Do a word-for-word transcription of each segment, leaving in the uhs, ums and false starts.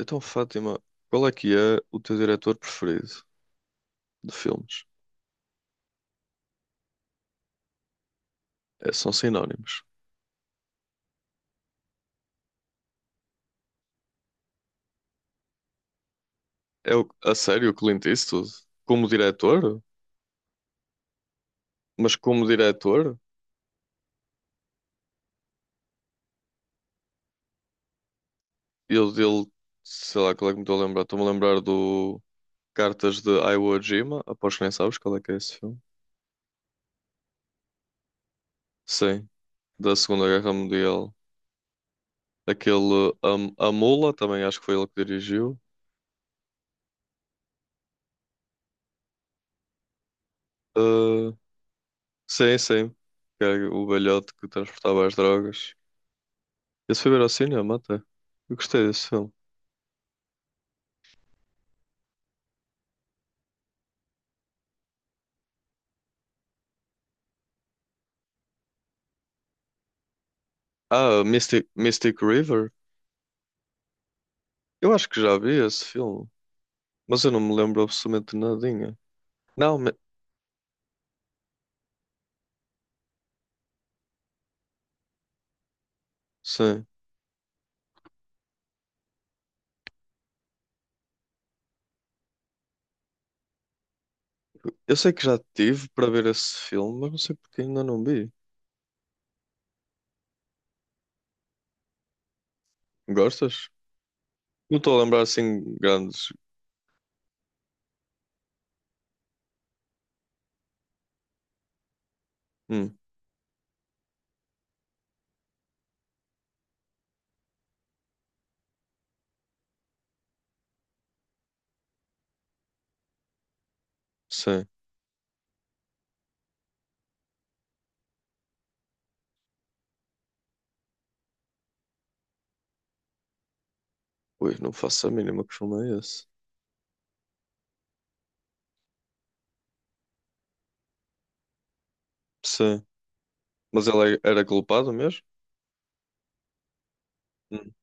Então, Fátima, qual é que é o teu diretor preferido de filmes? É, são sinónimos. É o, a sério o Clint Eastwood? Como diretor? Mas como diretor? Eu dele, sei lá, qual é que me estou a lembrar? Estou-me a lembrar do Cartas de Iwo Jima. Aposto que nem sabes qual é que é esse filme. Sim, da Segunda Guerra Mundial. Aquele um, A Mula, também acho que foi ele que dirigiu. Uh, sim, sim. Que é o velhote que transportava as drogas. Esse foi ver ao cinema até. Eu gostei desse filme. Ah, Mystic, Mystic River? Eu acho que já vi esse filme, mas eu não me lembro absolutamente nadinha. Não, me... sim. Eu sei que já tive para ver esse filme, mas não sei porque ainda não vi. Gostas? Não estou a lembrar assim grandes. Hum, sim. Ui, não faço a mínima que filme é esse. Sim. Mas ele é- era culpado mesmo? Hum,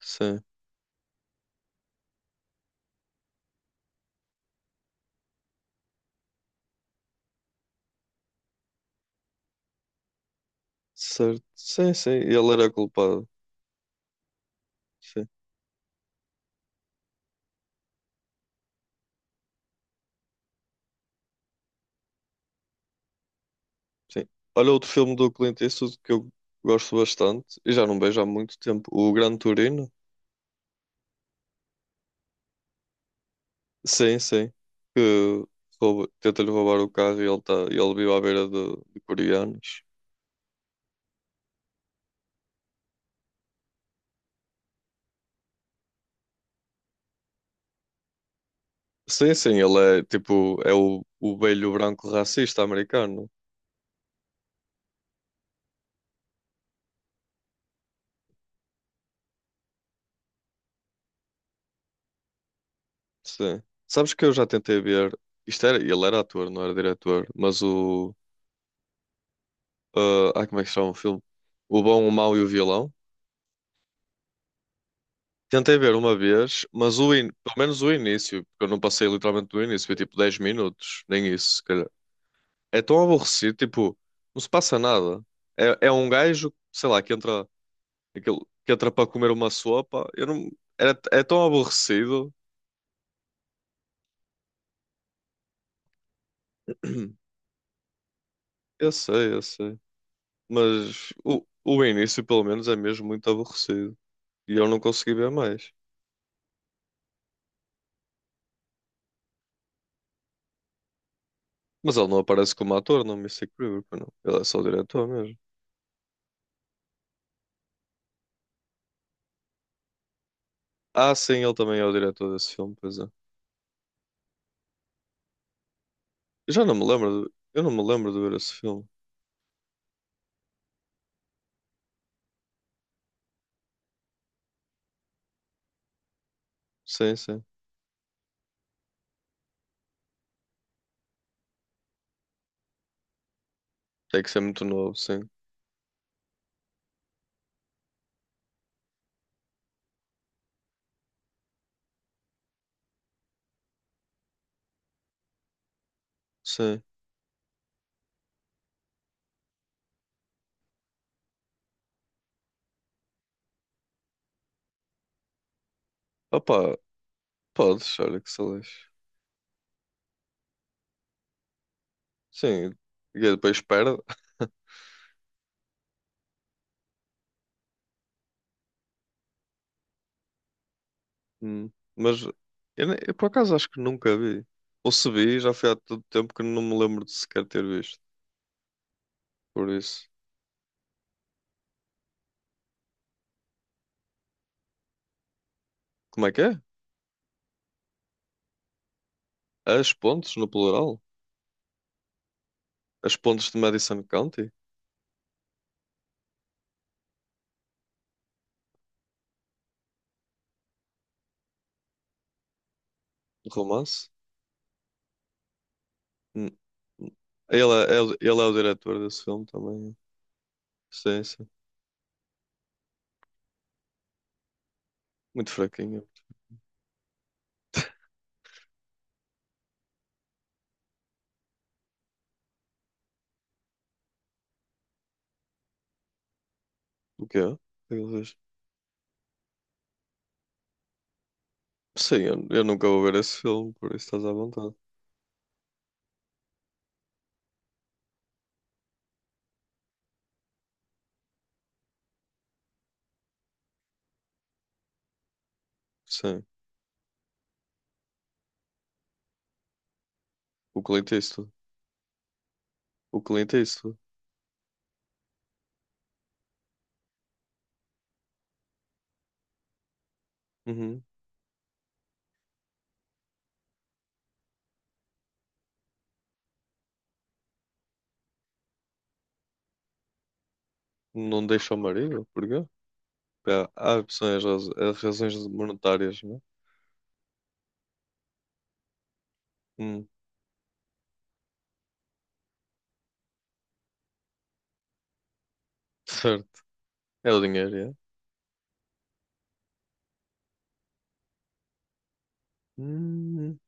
sim. Certo. Sim, sim, ele era culpado. Sim. Sim. Olha outro filme do Clint Eastwood que eu gosto bastante e já não vejo há muito tempo, o Gran Turino. Sim, sim. Que rouba- tenta-lhe roubar o carro e ele, tá, e ele vive à beira de, de coreanos. Sim, sim, ele é tipo, é o, o velho branco racista americano. Sim. Sabes que eu já tentei ver, isto era, ele era ator, não era diretor, mas o, ah, ai, como é que se chama o filme? O Bom, o Mau e o Vilão. Tentei ver uma vez, mas o in... pelo menos o início, porque eu não passei literalmente do início, foi tipo dez minutos, nem isso, se calhar. É tão aborrecido, tipo, não se passa nada. É, é um gajo, sei lá, que entra, aquele, que entra para comer uma sopa. Eu não... Era, é tão aborrecido. Eu sei, eu sei. Mas o, o início, pelo menos, é mesmo muito aborrecido. E eu não consegui ver mais. Mas ele não aparece como ator, não me sei que não. Ele é só o diretor mesmo. Ah, sim, ele também é o diretor desse filme, pois é. Eu já não me lembro. de- Eu não me lembro de ver esse filme. Sim, sim. Tem que ser muito novo, sim. Sim. Opa, podes, olha que se lixe. Sim, e depois perde. Hum, mas eu, ne- eu por acaso acho que nunca vi. Ou se vi, já foi há tanto tempo que não me lembro de sequer ter visto. Por isso. Como é que é? As Pontes, no plural? As Pontes de Madison County? De Romance? Hum, hum. Ele é, ele ele é o diretor desse filme também. Sim, sim. Muito fraquinho. O quê? O que é que ele fez? Sim, eu, eu nunca vou ver esse filme, por isso estás à vontade. Sim, o Clint Eastwood. O Clint Eastwood. Uhum. Não deixa o marido? Porquê? Pá, há opções, raz- há razões monetárias, né? Hum, certo. É o dinheiro, é? Hum,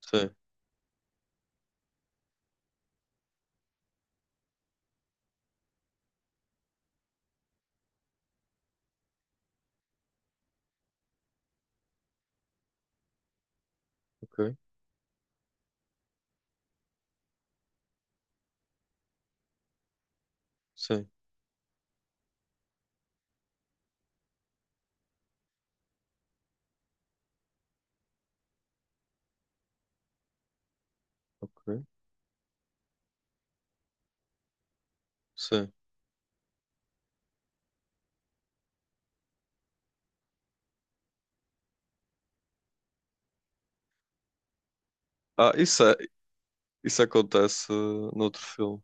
sim, ok. Sim, ok. Sim. Ah, isso, é- isso acontece uh, noutro filme.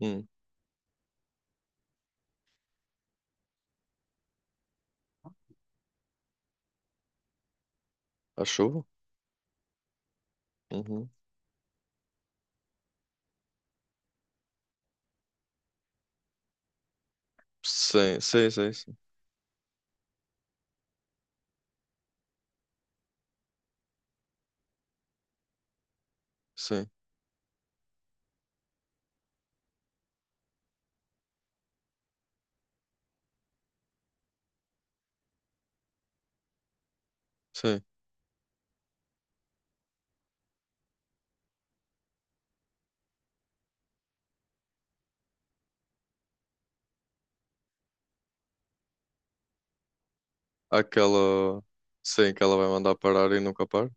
Hum, a chuva? Uhum. Sim, sim, sim, sim. Sim, sim. Aquela. Sim, que ela vai mandar parar e nunca para.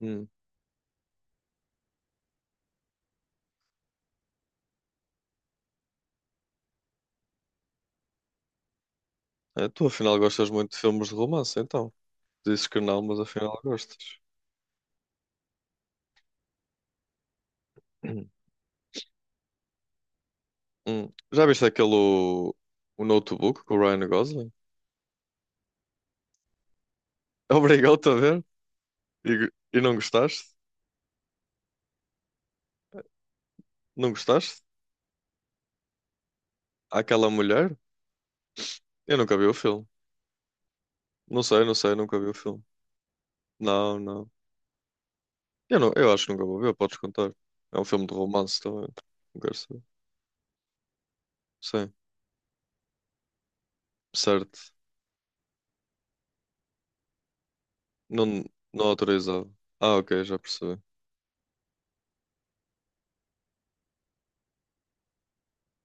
Hum. É, tu afinal gostas muito de filmes de romance, então. Dizes que não, mas afinal gostas. Hum. Hum. Já viste aquele o, o Notebook com o Ryan Gosling? Obrigado-te a ver? E, e não gostaste? Não gostaste? Aquela mulher? Eu nunca vi o filme. Não sei, não sei, nunca vi o filme. Não, não. Eu, não, eu acho que nunca vou ver, podes contar. É um filme de romance também. Não quero saber. Sim, certo. Não, não autorizava. Ah, ok, já percebi.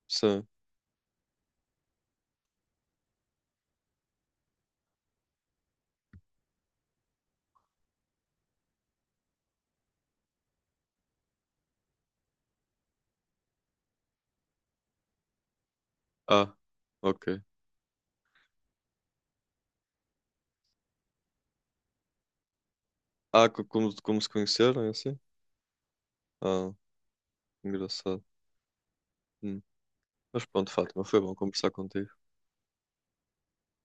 Sim. Ah, ok. Ah, co- como, como se conheceram, é assim? Ah, engraçado. Hum. Mas pronto, Fátima, foi bom conversar contigo.